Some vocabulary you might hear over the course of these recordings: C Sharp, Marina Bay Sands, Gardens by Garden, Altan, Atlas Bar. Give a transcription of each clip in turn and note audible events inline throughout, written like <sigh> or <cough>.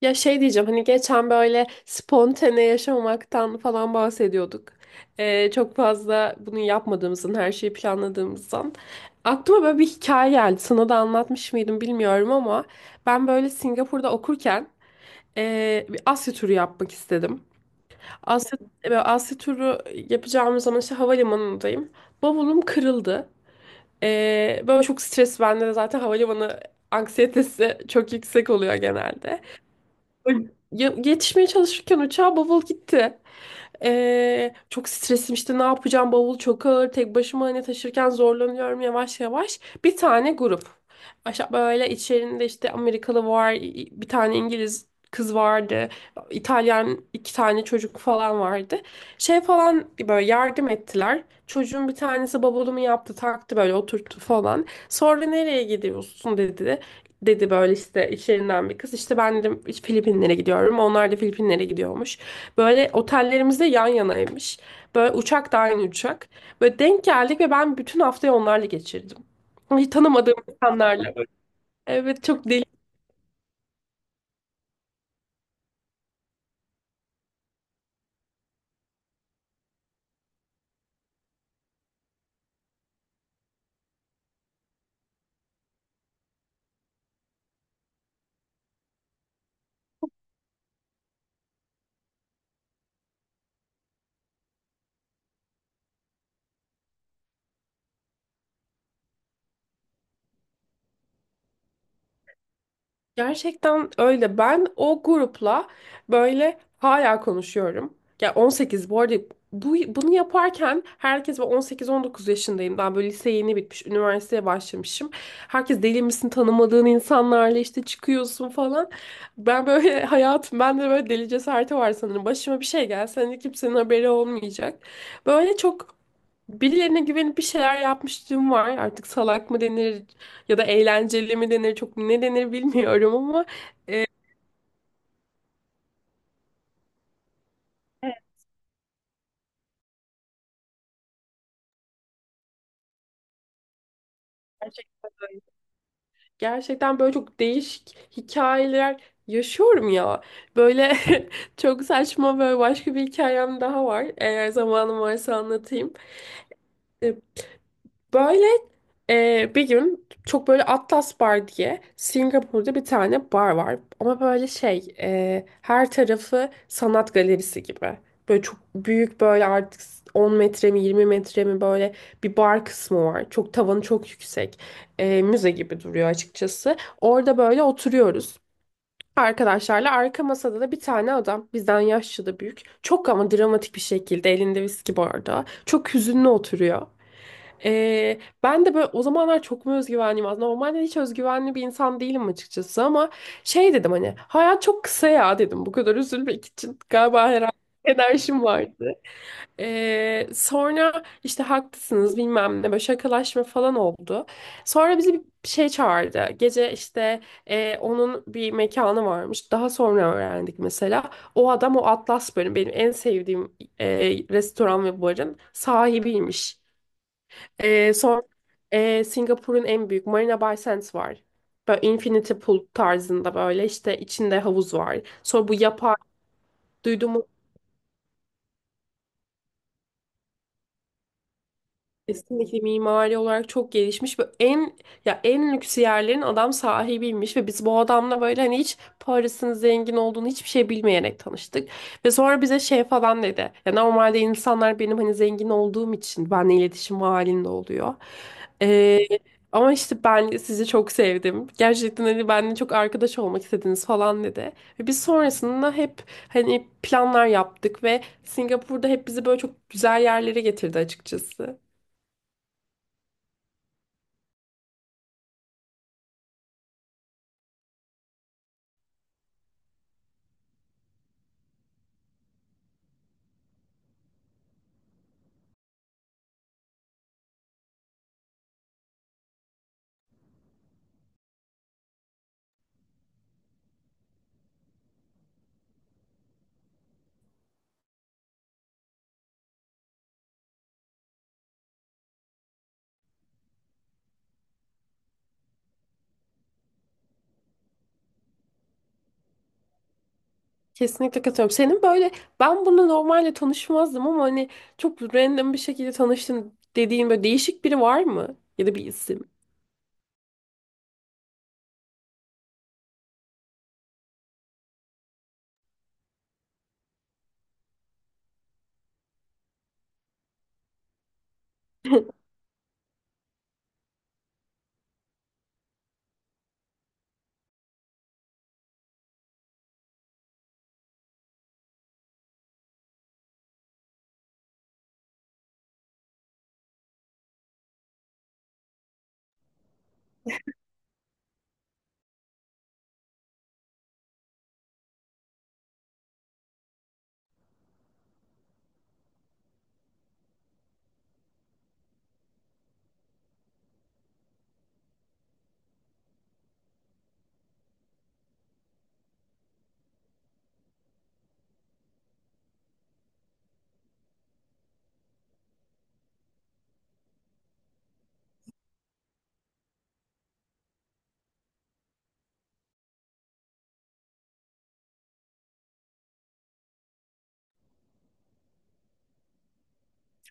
Ya şey diyeceğim hani geçen böyle spontane yaşamaktan falan bahsediyorduk. Çok fazla bunu yapmadığımızdan, her şeyi planladığımızdan. Aklıma böyle bir hikaye geldi. Sana da anlatmış mıydım bilmiyorum ama ben böyle Singapur'da okurken bir Asya turu yapmak istedim. Asya, böyle Asya turu yapacağımız zaman işte havalimanındayım. Bavulum kırıldı. Böyle çok stres, bende de zaten havalimanı anksiyetesi çok yüksek oluyor genelde. Yetişmeye çalışırken uçağa bavul gitti. Çok stresim, işte ne yapacağım, bavul çok ağır, tek başıma hani taşırken zorlanıyorum yavaş yavaş. Bir tane grup. Aşağı böyle, içerisinde işte Amerikalı var, bir tane İngiliz kız vardı, İtalyan iki tane çocuk falan vardı. Şey falan, böyle yardım ettiler. Çocuğun bir tanesi bavulumu yaptı, taktı, böyle oturttu falan. Sonra nereye gidiyorsun dedi böyle işte içlerinden bir kız. İşte ben de Filipinlere gidiyorum. Onlar da Filipinlere gidiyormuş. Böyle otellerimiz de yan yanaymış. Böyle uçak da aynı uçak. Böyle denk geldik ve ben bütün haftayı onlarla geçirdim. Hiç tanımadığım insanlarla. Evet, çok. Gerçekten öyle. Ben o grupla böyle hala konuşuyorum. Ya, 18 bu arada, bunu yaparken, herkes, ben 18-19 yaşındayım. Daha böyle lise yeni bitmiş, üniversiteye başlamışım. Herkes deli misin tanımadığın insanlarla işte çıkıyorsun falan. Ben böyle <laughs> hayatım, bende böyle deli cesareti var sanırım. Başıma bir şey gelse hani kimsenin haberi olmayacak. Böyle çok. Birilerine güvenip bir şeyler yapmışlığım var. Artık salak mı denir, ya da eğlenceli mi denir, çok ne denir bilmiyorum ama e, evet. Gerçekten böyle çok değişik hikayeler yaşıyorum ya. Böyle <laughs> çok saçma, böyle başka bir hikayem daha var. Eğer zamanım varsa anlatayım. Böyle bir gün, çok böyle Atlas Bar diye Singapur'da bir tane bar var. Ama böyle şey, her tarafı sanat galerisi gibi. Böyle çok büyük, böyle artık 10 metre mi 20 metre mi böyle bir bar kısmı var. Çok tavanı çok yüksek. Müze gibi duruyor açıkçası. Orada böyle oturuyoruz. Arkadaşlarla, arka masada da bir tane adam bizden yaşça da büyük. Çok ama dramatik bir şekilde elinde viski bardağı. Çok hüzünlü oturuyor. Ben de böyle o zamanlar çok mu özgüvenliyim aslında. Normalde hiç özgüvenli bir insan değilim açıkçası ama şey dedim, hani hayat çok kısa ya dedim. Bu kadar üzülmek için galiba, herhalde enerjim vardı. Sonra işte haklısınız, bilmem ne, böyle şakalaşma falan oldu. Sonra bizi bir şey çağırdı. Gece, işte onun bir mekanı varmış. Daha sonra öğrendik mesela. O adam o Atlas bölüm benim en sevdiğim restoran ve barın sahibiymiş. Son Singapur'un en büyük Marina Bay Sands var. Böyle infinity pool tarzında, böyle işte içinde havuz var. Sonra bu yapay duydun. Kesinlikle mimari olarak çok gelişmiş ve en, ya en lüks yerlerin adam sahibiymiş ve biz bu adamla böyle, hani hiç Paris'in zengin olduğunu, hiçbir şey bilmeyerek tanıştık. Ve sonra bize şey falan dedi. Ya normalde insanlar benim hani zengin olduğum için benimle iletişim halinde oluyor. Ee, Ama işte ben sizi çok sevdim. Gerçekten hani benimle çok arkadaş olmak istediniz falan dedi. Ve biz sonrasında hep hani planlar yaptık ve Singapur'da hep bizi böyle çok güzel yerlere getirdi açıkçası. Kesinlikle katılıyorum. Senin böyle, ben bunu normalde tanışmazdım ama hani çok random bir şekilde tanıştın dediğin böyle değişik biri var mı? Ya da bir isim. <laughs>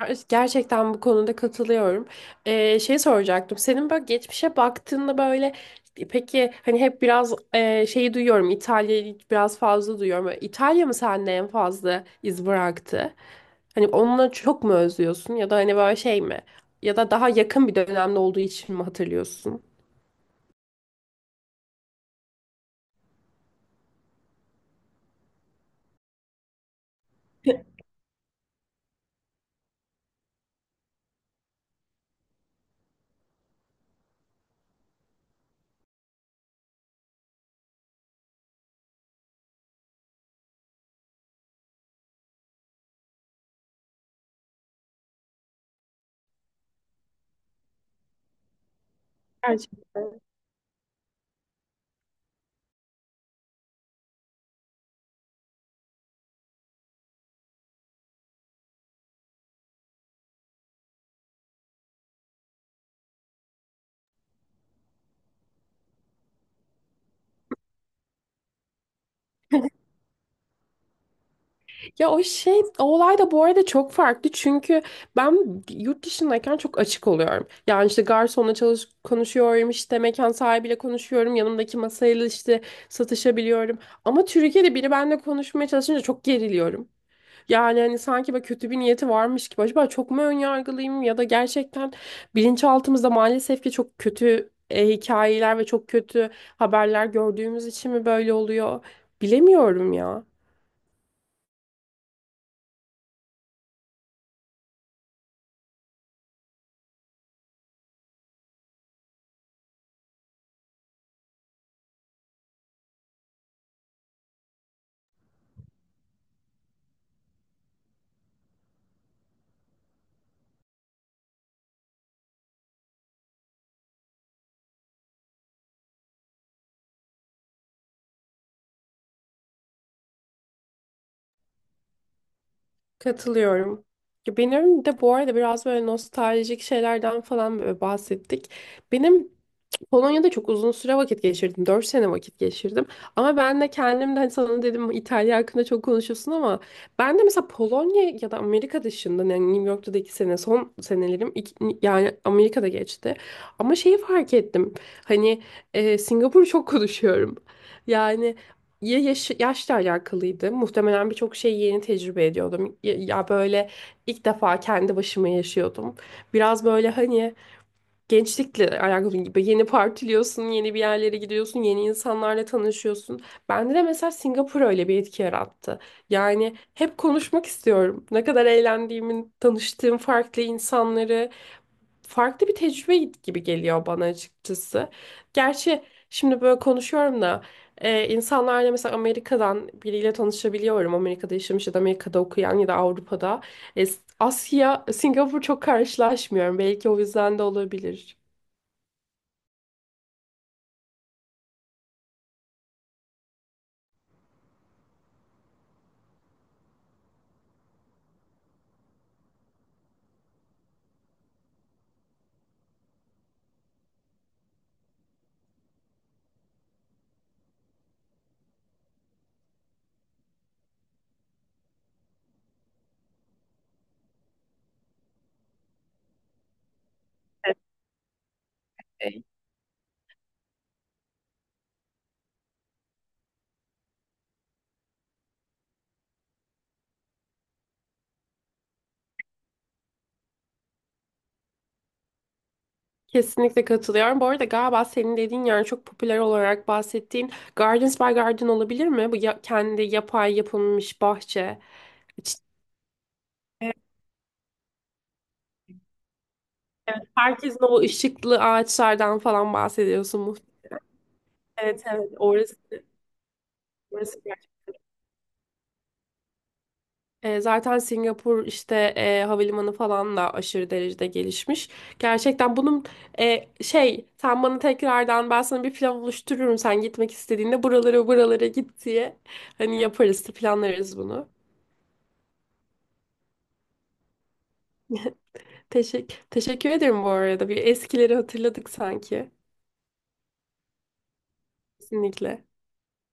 Gerçekten bu konuda katılıyorum. Şey soracaktım. Senin böyle geçmişe baktığında böyle, peki hani hep biraz şeyi duyuyorum. İtalya'yı biraz fazla duyuyorum. Böyle İtalya mı sende en fazla iz bıraktı? Hani onunla çok mu özlüyorsun, ya da hani böyle şey mi? Ya da daha yakın bir dönemde olduğu için mi hatırlıyorsun? Gerçekten. Ya o şey, o olay da bu arada çok farklı çünkü ben yurt dışındayken çok açık oluyorum. Yani işte garsonla çalış konuşuyorum, işte mekan sahibiyle konuşuyorum, yanımdaki masayla işte satışabiliyorum. Ama Türkiye'de biri benimle konuşmaya çalışınca çok geriliyorum. Yani hani sanki böyle kötü bir niyeti varmış gibi. Acaba çok mu önyargılıyım, ya da gerçekten bilinçaltımızda maalesef ki çok kötü hikayeler ve çok kötü haberler gördüğümüz için mi böyle oluyor? Bilemiyorum ya. Katılıyorum. Ya, benim de bu arada biraz böyle nostaljik şeylerden falan böyle bahsettik. Benim Polonya'da çok uzun süre vakit geçirdim. 4 sene vakit geçirdim. Ama ben de kendim de hani sana dedim İtalya hakkında çok konuşuyorsun ama ben de mesela Polonya ya da Amerika dışında, yani New York'ta da 2 sene, son senelerim yani Amerika'da geçti. Ama şeyi fark ettim. Hani Singapur'u çok konuşuyorum. Yani ya yaşla alakalıydı. Muhtemelen birçok şeyi yeni tecrübe ediyordum. Ya böyle ilk defa kendi başıma yaşıyordum. Biraz böyle hani gençlikle alakalı gibi, yeni partiliyorsun, yeni bir yerlere gidiyorsun, yeni insanlarla tanışıyorsun. Bende de mesela Singapur öyle bir etki yarattı. Yani hep konuşmak istiyorum. Ne kadar eğlendiğimi, tanıştığım farklı insanları, farklı bir tecrübe gibi geliyor bana açıkçası. Gerçi şimdi böyle konuşuyorum da, insanlarla mesela Amerika'dan biriyle tanışabiliyorum. Amerika'da yaşamış ya da Amerika'da okuyan ya da Avrupa'da. E, Asya, Singapur, çok karşılaşmıyorum. Belki o yüzden de olabilir. Kesinlikle katılıyorum. Bu arada galiba senin dediğin, yani çok popüler olarak bahsettiğin Gardens by Garden olabilir mi? Bu kendi yapay yapılmış bahçe. İşte, evet, herkesin o ışıklı ağaçlardan falan bahsediyorsun muhtemelen. Evet evet, orası. Orası gerçekten. Zaten Singapur işte havalimanı falan da aşırı derecede gelişmiş. Gerçekten bunun şey, sen bana tekrardan, ben sana bir plan oluştururum, sen gitmek istediğinde buralara buralara git diye. Hani yaparız, planlarız bunu. Teşekkür ederim bu arada. Bir eskileri hatırladık sanki. Kesinlikle.